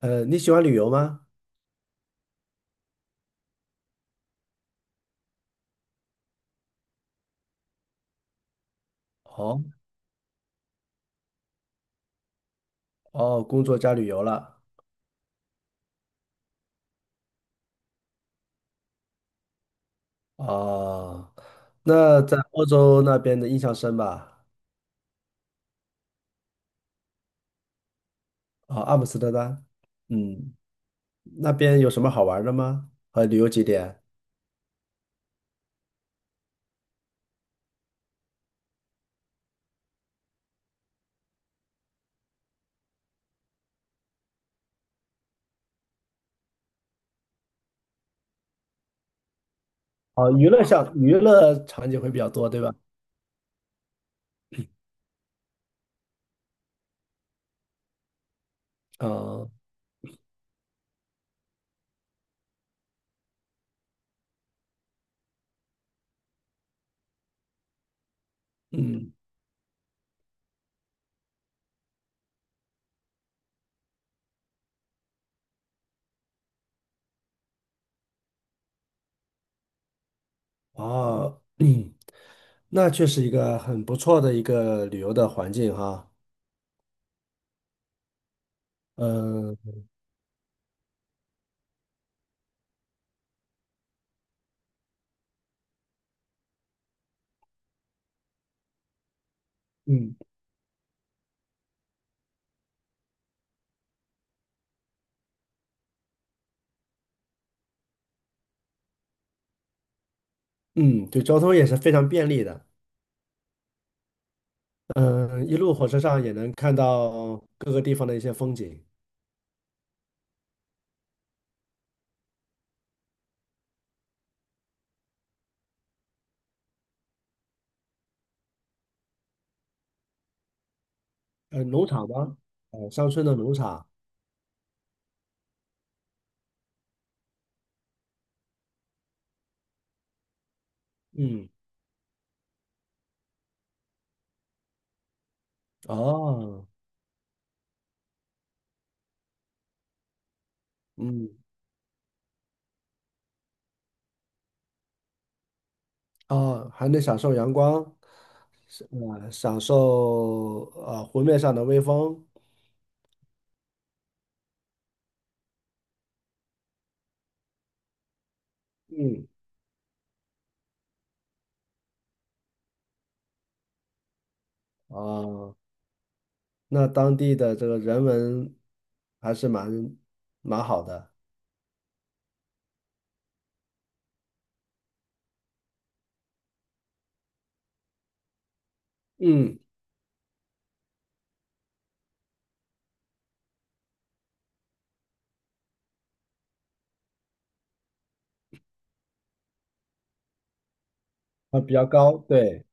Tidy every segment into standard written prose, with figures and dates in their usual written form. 你喜欢旅游吗？哦哦，工作加旅游了。哦，那在欧洲那边的印象深吧？啊，阿姆斯特丹，嗯，那边有什么好玩的吗？和旅游景点？哦，娱乐场景会比较多，对吧？哦，嗯，哦，那确实一个很不错的一个旅游的环境哈。嗯嗯嗯，对，交通也是非常便利的。嗯，一路火车上也能看到各个地方的一些风景。农场吗？乡村的农场。嗯，哦，嗯，哦，还能享受阳光，是享受湖面上的微风。嗯，哦，那当地的这个人文还是蛮好的。嗯，啊，比较高，对。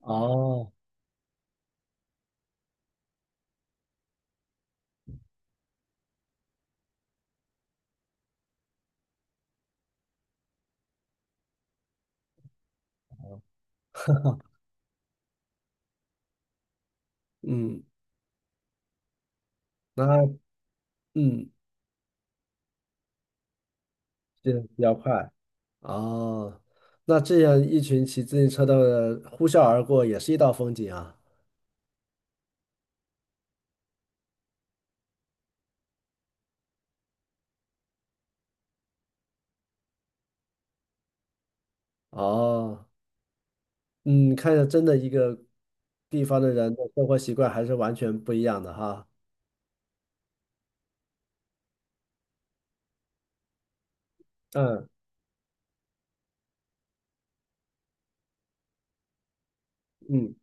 哦，嗯，那嗯，这比较快。哦，那这样一群骑自行车的呼啸而过，也是一道风景啊。哦，嗯，看着真的一个地方的人的生活习惯还是完全不一样的哈。嗯嗯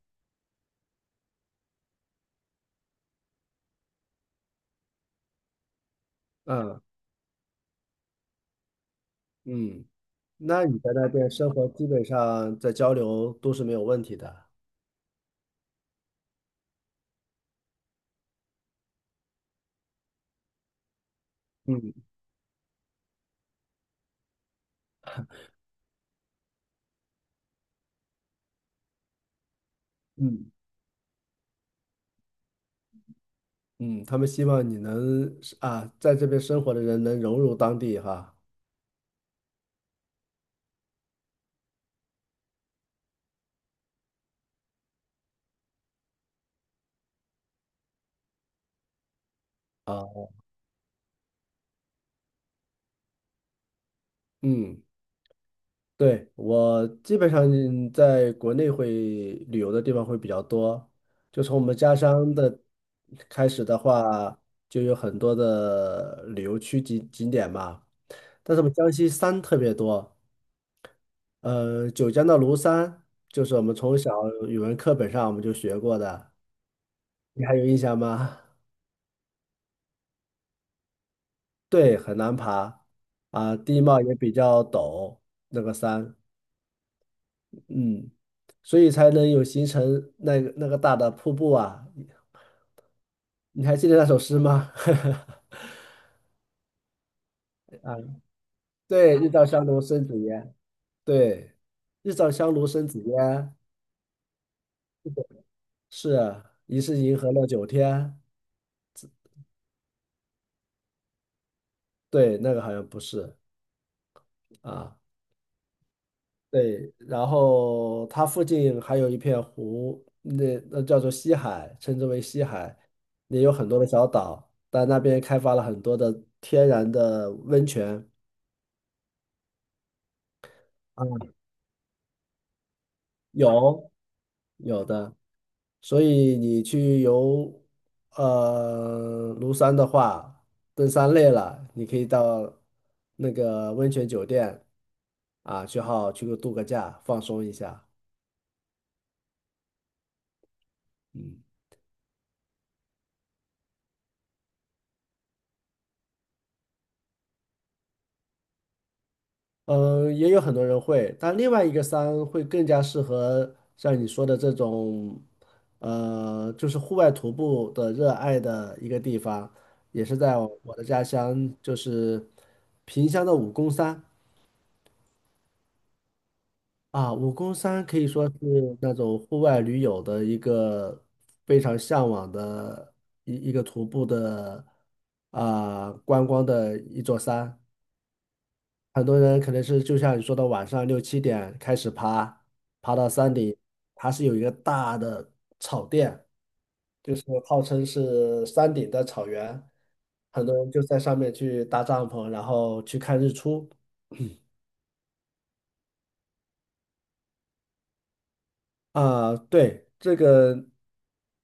嗯嗯，那你在那边生活，基本上在交流都是没有问题的。嗯嗯嗯，他们希望你能啊，在这边生活的人能融入当地哈。啊，嗯。对，我基本上在国内会旅游的地方会比较多，就从我们家乡的开始的话，就有很多的旅游区景点嘛。但是我们江西山特别多，九江的庐山就是我们从小语文课本上我们就学过的，你还有印象吗？对，很难爬啊，地貌也比较陡，那个山，嗯。所以才能有形成那个大的瀑布啊。你还记得那首诗吗？啊，对，日照香炉生紫烟，对，日照香炉生紫烟，是啊疑是银河落九天，对，那个好像不是啊，对，然后它附近还有一片湖，那叫做西海，称之为西海，也有很多的小岛，但那边开发了很多的天然的温泉。有有的，所以你去游庐山的话，登山累了，你可以到那个温泉酒店啊，去个度个假，放松一下。嗯嗯，也有很多人会，但另外一个山会更加适合像你说的这种，就是户外徒步的热爱的一个地方，也是在我的家乡，就是萍乡的武功山。啊，武功山可以说是那种户外驴友的一个非常向往的一个徒步的啊、观光的一座山。很多人可能是就像你说的，晚上六七点开始爬，爬到山顶，它是有一个大的草甸，就是号称是山顶的草原，很多人就在上面去搭帐篷，然后去看日出。啊，对，这个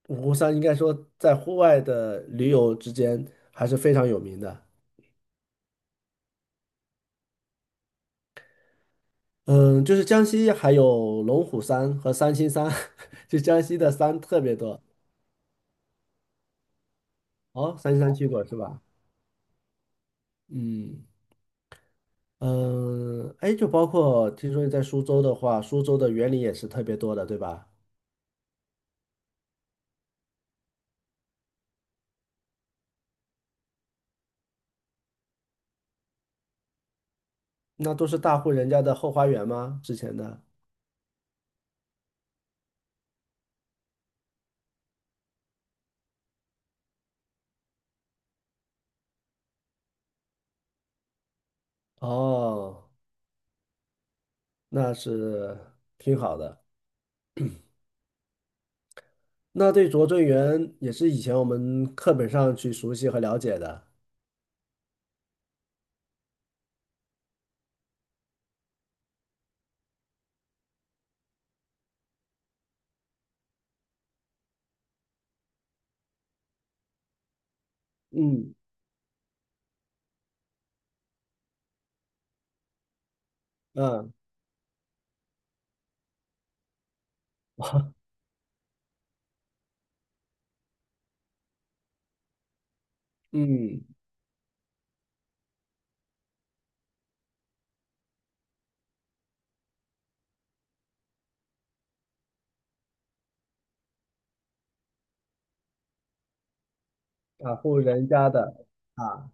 五湖山应该说在户外的驴友之间还是非常有名的。嗯，就是江西还有龙虎山和三清山，就江西的山特别多。哦，三清山去过是吧？嗯嗯，哎，就包括听说你在苏州的话，苏州的园林也是特别多的，对吧？那都是大户人家的后花园吗？之前的？哦，那是挺好的。那对拙政园也是以前我们课本上去熟悉和了解的。嗯嗯嗯，大户人家的啊，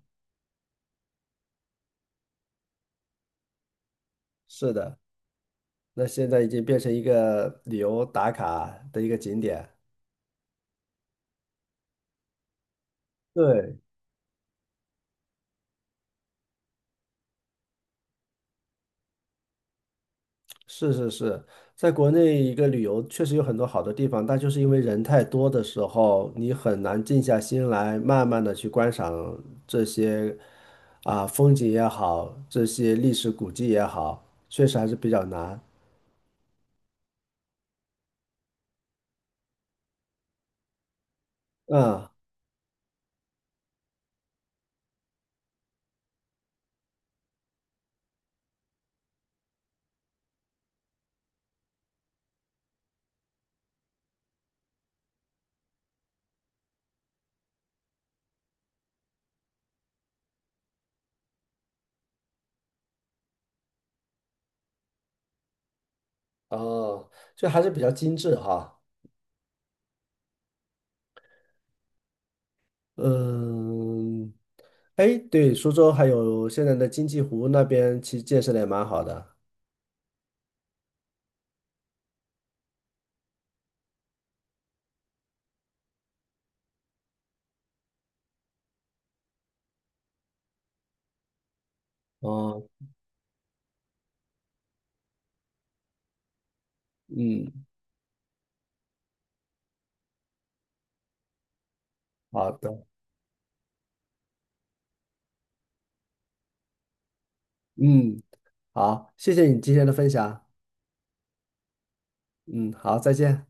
是的，那现在已经变成一个旅游打卡的一个景点。对，是是是，在国内一个旅游确实有很多好的地方，但就是因为人太多的时候，你很难静下心来，慢慢的去观赏这些啊风景也好，这些历史古迹也好，确实还是比较难。嗯。哦，就还是比较精致哈。嗯，哎，对，苏州还有现在的金鸡湖那边，其实建设的也蛮好的。哦，嗯，好的，嗯，好，谢谢你今天的分享。嗯，好，再见。